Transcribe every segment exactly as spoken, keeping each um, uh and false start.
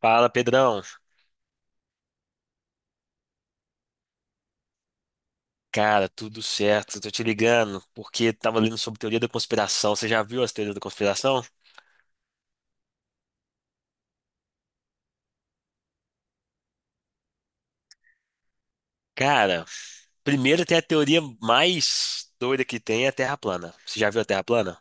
Fala, Pedrão. Cara, tudo certo. Tô te ligando porque tava lendo sobre teoria da conspiração. Você já viu as teorias da conspiração? Cara, primeiro tem a teoria mais doida que tem, é a Terra plana. Você já viu a Terra plana?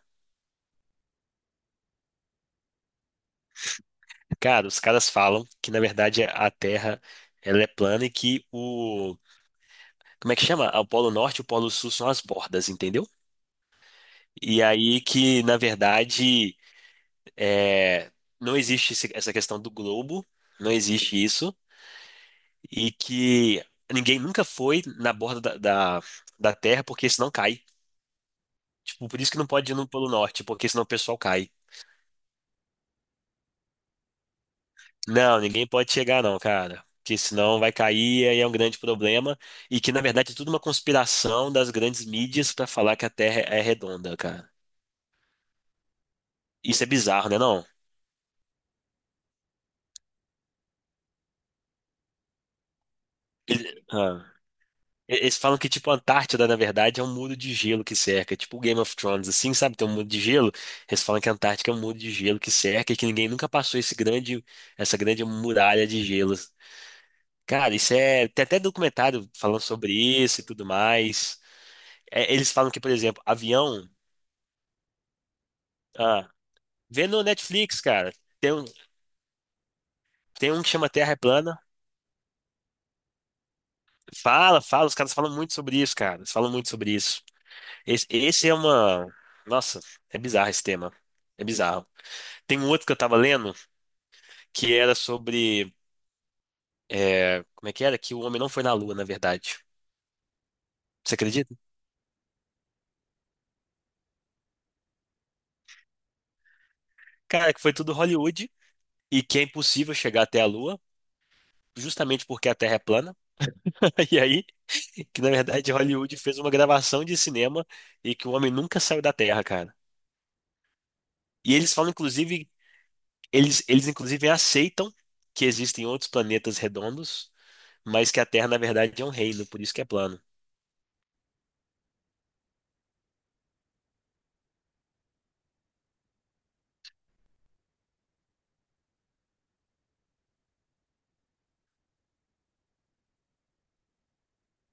Cara, os caras falam que na verdade a Terra ela é plana, e que o, como é que chama? O Polo Norte e o Polo Sul são as bordas, entendeu? E aí que na verdade, é, não existe esse- essa questão do globo, não existe isso. E que ninguém nunca foi na borda da, da, da Terra porque senão cai. Tipo, por isso que não pode ir no Polo Norte, porque senão o pessoal cai. Não, ninguém pode chegar não, cara. Porque senão vai cair e é um grande problema. E que, na verdade, é tudo uma conspiração das grandes mídias pra falar que a Terra é redonda, cara. Isso é bizarro, né, não? Ele- ah. E- Eles falam que, tipo, a Antártida, na verdade, é um muro de gelo que cerca. É tipo o Game of Thrones, assim, sabe? Tem um muro de gelo. Eles falam que a Antártica é um muro de gelo que cerca e que ninguém nunca passou esse grande, essa grande muralha de gelo. Cara, isso é. Tem até documentário falando sobre isso e tudo mais. É, eles falam que, por exemplo, avião. Ah, vê no Netflix, cara. Tem um, tem um que chama Terra é Plana. Fala, fala. Os caras falam muito sobre isso, cara. Eles falam muito sobre isso. Esse, esse é uma. Nossa, é bizarro esse tema. É bizarro. Tem um outro que eu tava lendo que era sobre. é, como é que era? Que o homem não foi na Lua, na verdade. Você acredita? Cara, que foi tudo Hollywood e que é impossível chegar até a Lua, justamente porque a Terra é plana. E aí, que na verdade Hollywood fez uma gravação de cinema e que o homem nunca saiu da Terra, cara. E eles falam, inclusive, eles, eles inclusive aceitam que existem outros planetas redondos, mas que a Terra, na verdade, é um reino, por isso que é plano.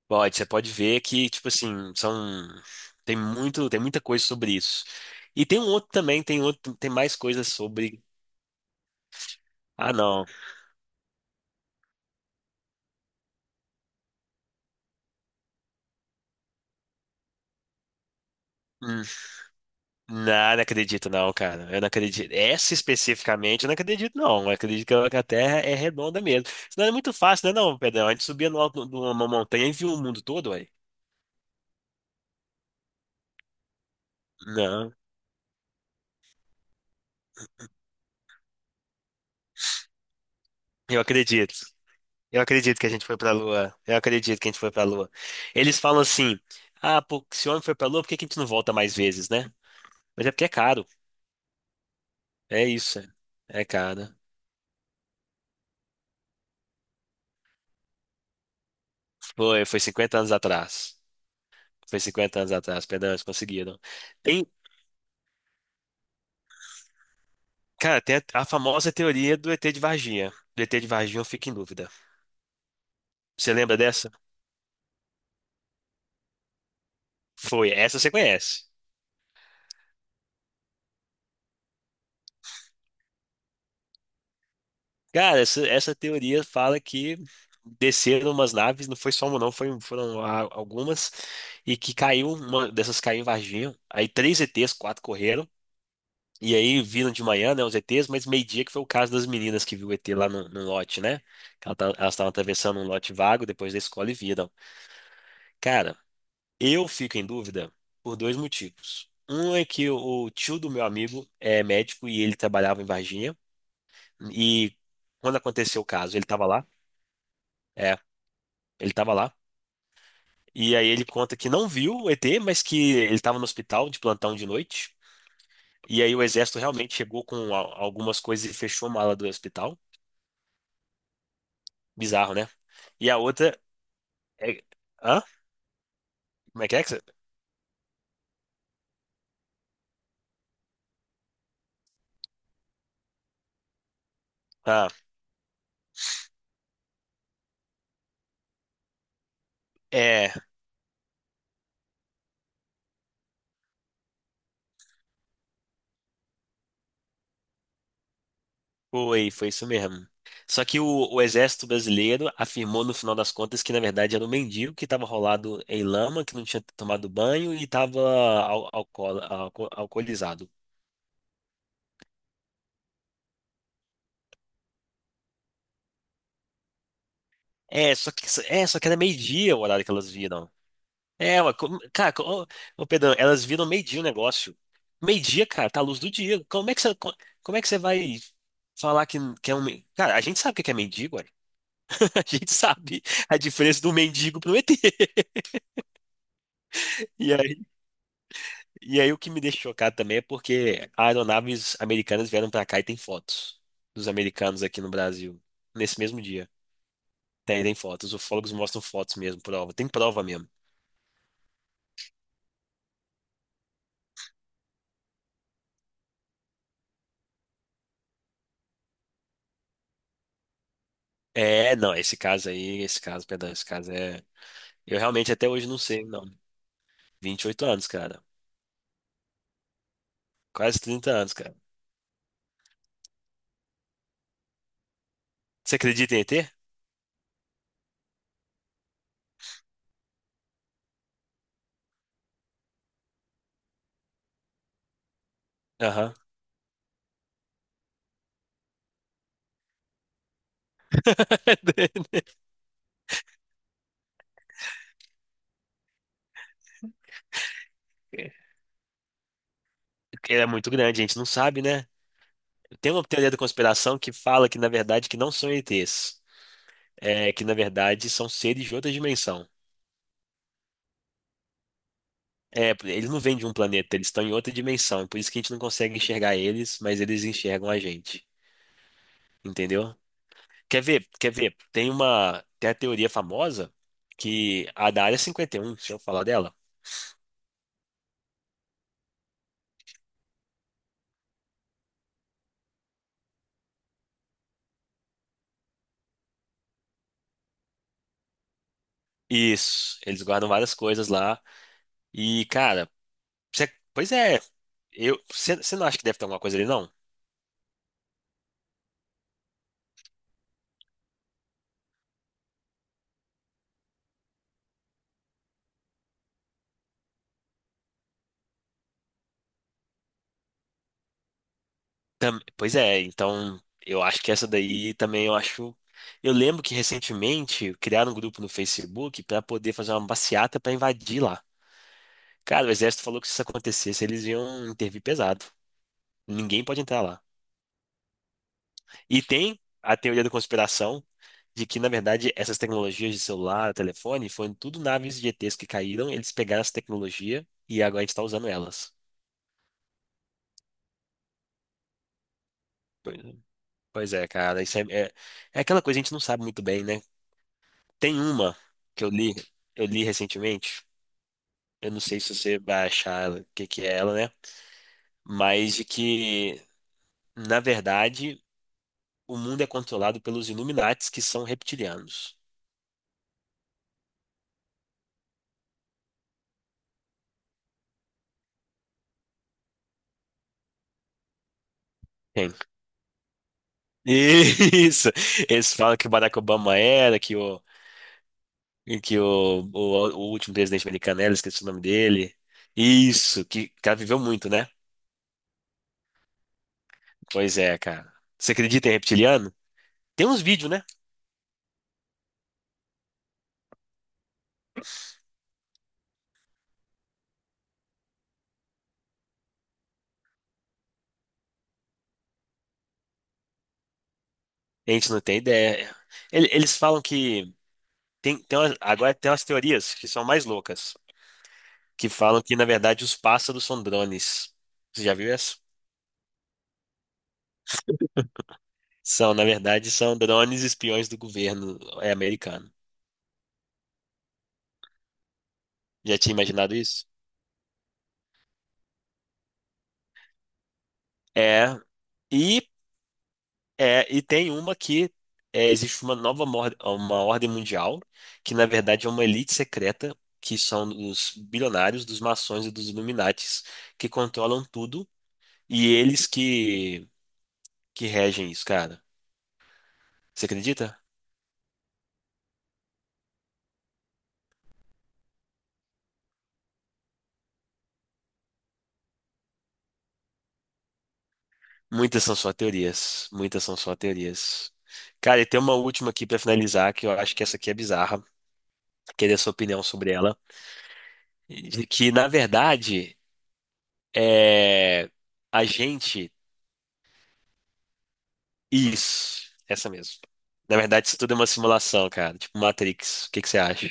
Pode, você pode ver que, tipo assim, são tem muito, tem muita coisa sobre isso. E tem um outro também, tem outro, tem mais coisas sobre. Ah, não. Hum, não, não acredito não, cara. Eu não acredito. Essa especificamente, eu não acredito não. Eu acredito que a que a Terra é redonda mesmo. Senão é muito fácil, né não, Pedrão? A gente subia no alto de uma montanha e viu o mundo todo, ué. Não, eu acredito. Eu acredito que a gente foi pra Lua. Eu acredito que a gente foi pra Lua. Eles falam assim: ah, pô, se o homem foi pra Lua, por que que a gente não volta mais vezes, né? Mas é porque é caro. É isso. É É caro, né? Foi, foi cinquenta anos atrás. Foi cinquenta anos atrás, perdão, eles conseguiram. Tem, cara, tem a, a famosa teoria do E T de Varginha. Do E T de Varginha eu fico em dúvida. Você lembra dessa? Foi, essa você conhece. Cara, essa, essa teoria fala que desceram umas naves, não foi só uma não, foi- foram a- algumas, e que caiu, uma dessas caiu em Varginha. Aí três E Ts, quatro correram. E aí viram de manhã, né, os E Ts, mas meio-dia que foi o caso das meninas que viu o E T lá no, no lote, né? Ela tá- Elas estavam atravessando um lote vago depois da escola e viram. Cara, eu fico em dúvida por dois motivos. Um é que o tio do meu amigo é médico e ele trabalhava em Varginha. E quando aconteceu o caso, ele estava lá. É, ele estava lá. E aí ele conta que não viu o E T, mas que ele estava no hospital de plantão de noite. E aí o exército realmente chegou com a- algumas coisas e fechou a mala do hospital. Bizarro, né? E a outra é. Hã? Como é que é que você. Ah, é. Foi, foi isso mesmo. Só que o, o exército brasileiro afirmou no final das contas que na verdade era um mendigo que estava rolado em lama, que não tinha tomado banho e estava al alcool- alco- alcoolizado. É, só que, é, só que era meio-dia o horário que elas viram. É, ué, como- cara, co- ô, ô, Pedrão, elas viram meio-dia o negócio. Meio-dia, cara, tá a luz do dia. Como é que você, co- como é que você vai falar que, que é um. men- Cara, a gente sabe o que é mendigo. A gente sabe a diferença do mendigo pro E T. E aí, e aí o que me deixa chocado também é porque aeronaves americanas vieram pra cá e tem fotos dos americanos aqui no Brasil, nesse mesmo dia. Tem, tem fotos, os ufólogos mostram fotos mesmo, prova, tem prova mesmo. É, não, esse caso aí, esse caso, perdão, esse caso é. Eu realmente até hoje não sei, não. Vinte e oito anos, cara. Quase trinta anos, cara. Você acredita em E T? Aham. Ele é muito grande, a gente não sabe, né? Tem uma teoria da conspiração que fala que, na verdade, que não são E Ts. É, que, na verdade, são seres de outra dimensão. É, eles não vêm de um planeta, eles estão em outra dimensão. Por isso que a gente não consegue enxergar eles, mas eles enxergam a gente. Entendeu? Quer ver? Quer ver? Tem uma, tem a teoria famosa que a da Área cinquenta e um, se eu falar dela. Isso, eles guardam várias coisas lá. E, cara, você- pois é, eu, você você não acha que deve ter alguma coisa ali, não? Tam- Pois é, então eu acho que essa daí também eu acho. Eu lembro que recentemente criaram um grupo no Facebook para poder fazer uma passeata para invadir lá. Cara, o exército falou que se isso acontecesse, eles iam intervir pesado. Ninguém pode entrar lá. E tem a teoria da conspiração de que, na verdade, essas tecnologias de celular, telefone, foram tudo naves de E Ts que caíram, eles pegaram essa tecnologia e agora a gente está usando elas. Pois é, Pois é, cara, isso é, é, é aquela coisa que a gente não sabe muito bem, né? Tem uma que eu li, eu li recentemente. Eu não sei se você vai achar ela- o que que é ela, né? Mas de que, na verdade, o mundo é controlado pelos Illuminates, que são reptilianos. Tem. Isso! Eles falam que o Barack Obama era, que o, que o, o, o último presidente americano era, esqueci o nome dele. Isso, que o cara viveu muito, né? Pois é, cara. Você acredita em reptiliano? Tem uns vídeos, né? A gente não tem ideia. Ele- Eles falam que. Tem, tem umas- agora tem umas teorias que são mais loucas, que falam que, na verdade, os pássaros são drones. Você já viu essa? São, na verdade, são drones espiões do governo é, americano. Já tinha imaginado isso? É. E, é, e tem uma que é, existe uma nova mor- uma ordem mundial, que na verdade é uma elite secreta, que são os bilionários, dos maçons e dos Illuminates, que controlam tudo, e eles que, que regem isso, cara. Você acredita? Muitas são só teorias. Muitas são só teorias. Cara, e tem uma última aqui pra finalizar, que eu acho que essa aqui é bizarra. Queria sua opinião sobre ela. De que, na verdade, é... a gente. Isso, essa mesmo. Na verdade, isso tudo é uma simulação, cara. Tipo Matrix. O que que você acha?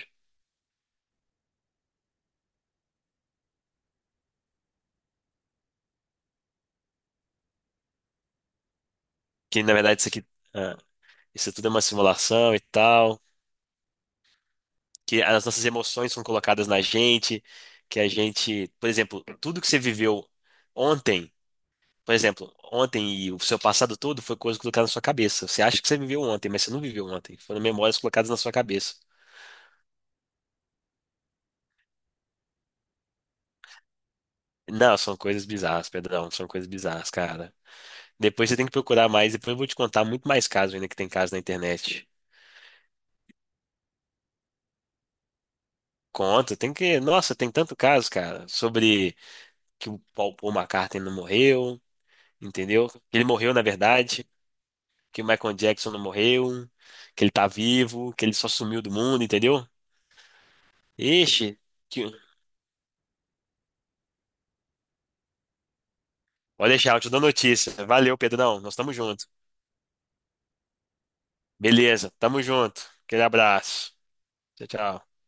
Que, na verdade, isso aqui. ah, isso tudo é uma simulação e tal. Que as nossas emoções são colocadas na gente. Que a gente. Por exemplo, tudo que você viveu ontem. Por exemplo, ontem e o seu passado todo foi coisa colocada na sua cabeça. Você acha que você viveu ontem, mas você não viveu ontem. Foram memórias colocadas na sua cabeça. Não, são coisas bizarras, Pedrão. São coisas bizarras, cara. Depois você tem que procurar mais. Depois eu vou te contar muito mais casos ainda que tem casos na internet. Conta, tem que. Nossa, tem tanto caso, cara, sobre que o Paul Paul McCartney não morreu, entendeu? Ele morreu, na verdade, que o Michael Jackson não morreu, que ele tá vivo, que ele só sumiu do mundo, entendeu? Ixi, que. Pode deixar, eu te dou notícia. Valeu, Pedrão. Nós estamos juntos. Beleza, tamo junto. Aquele abraço. Tchau, tchau.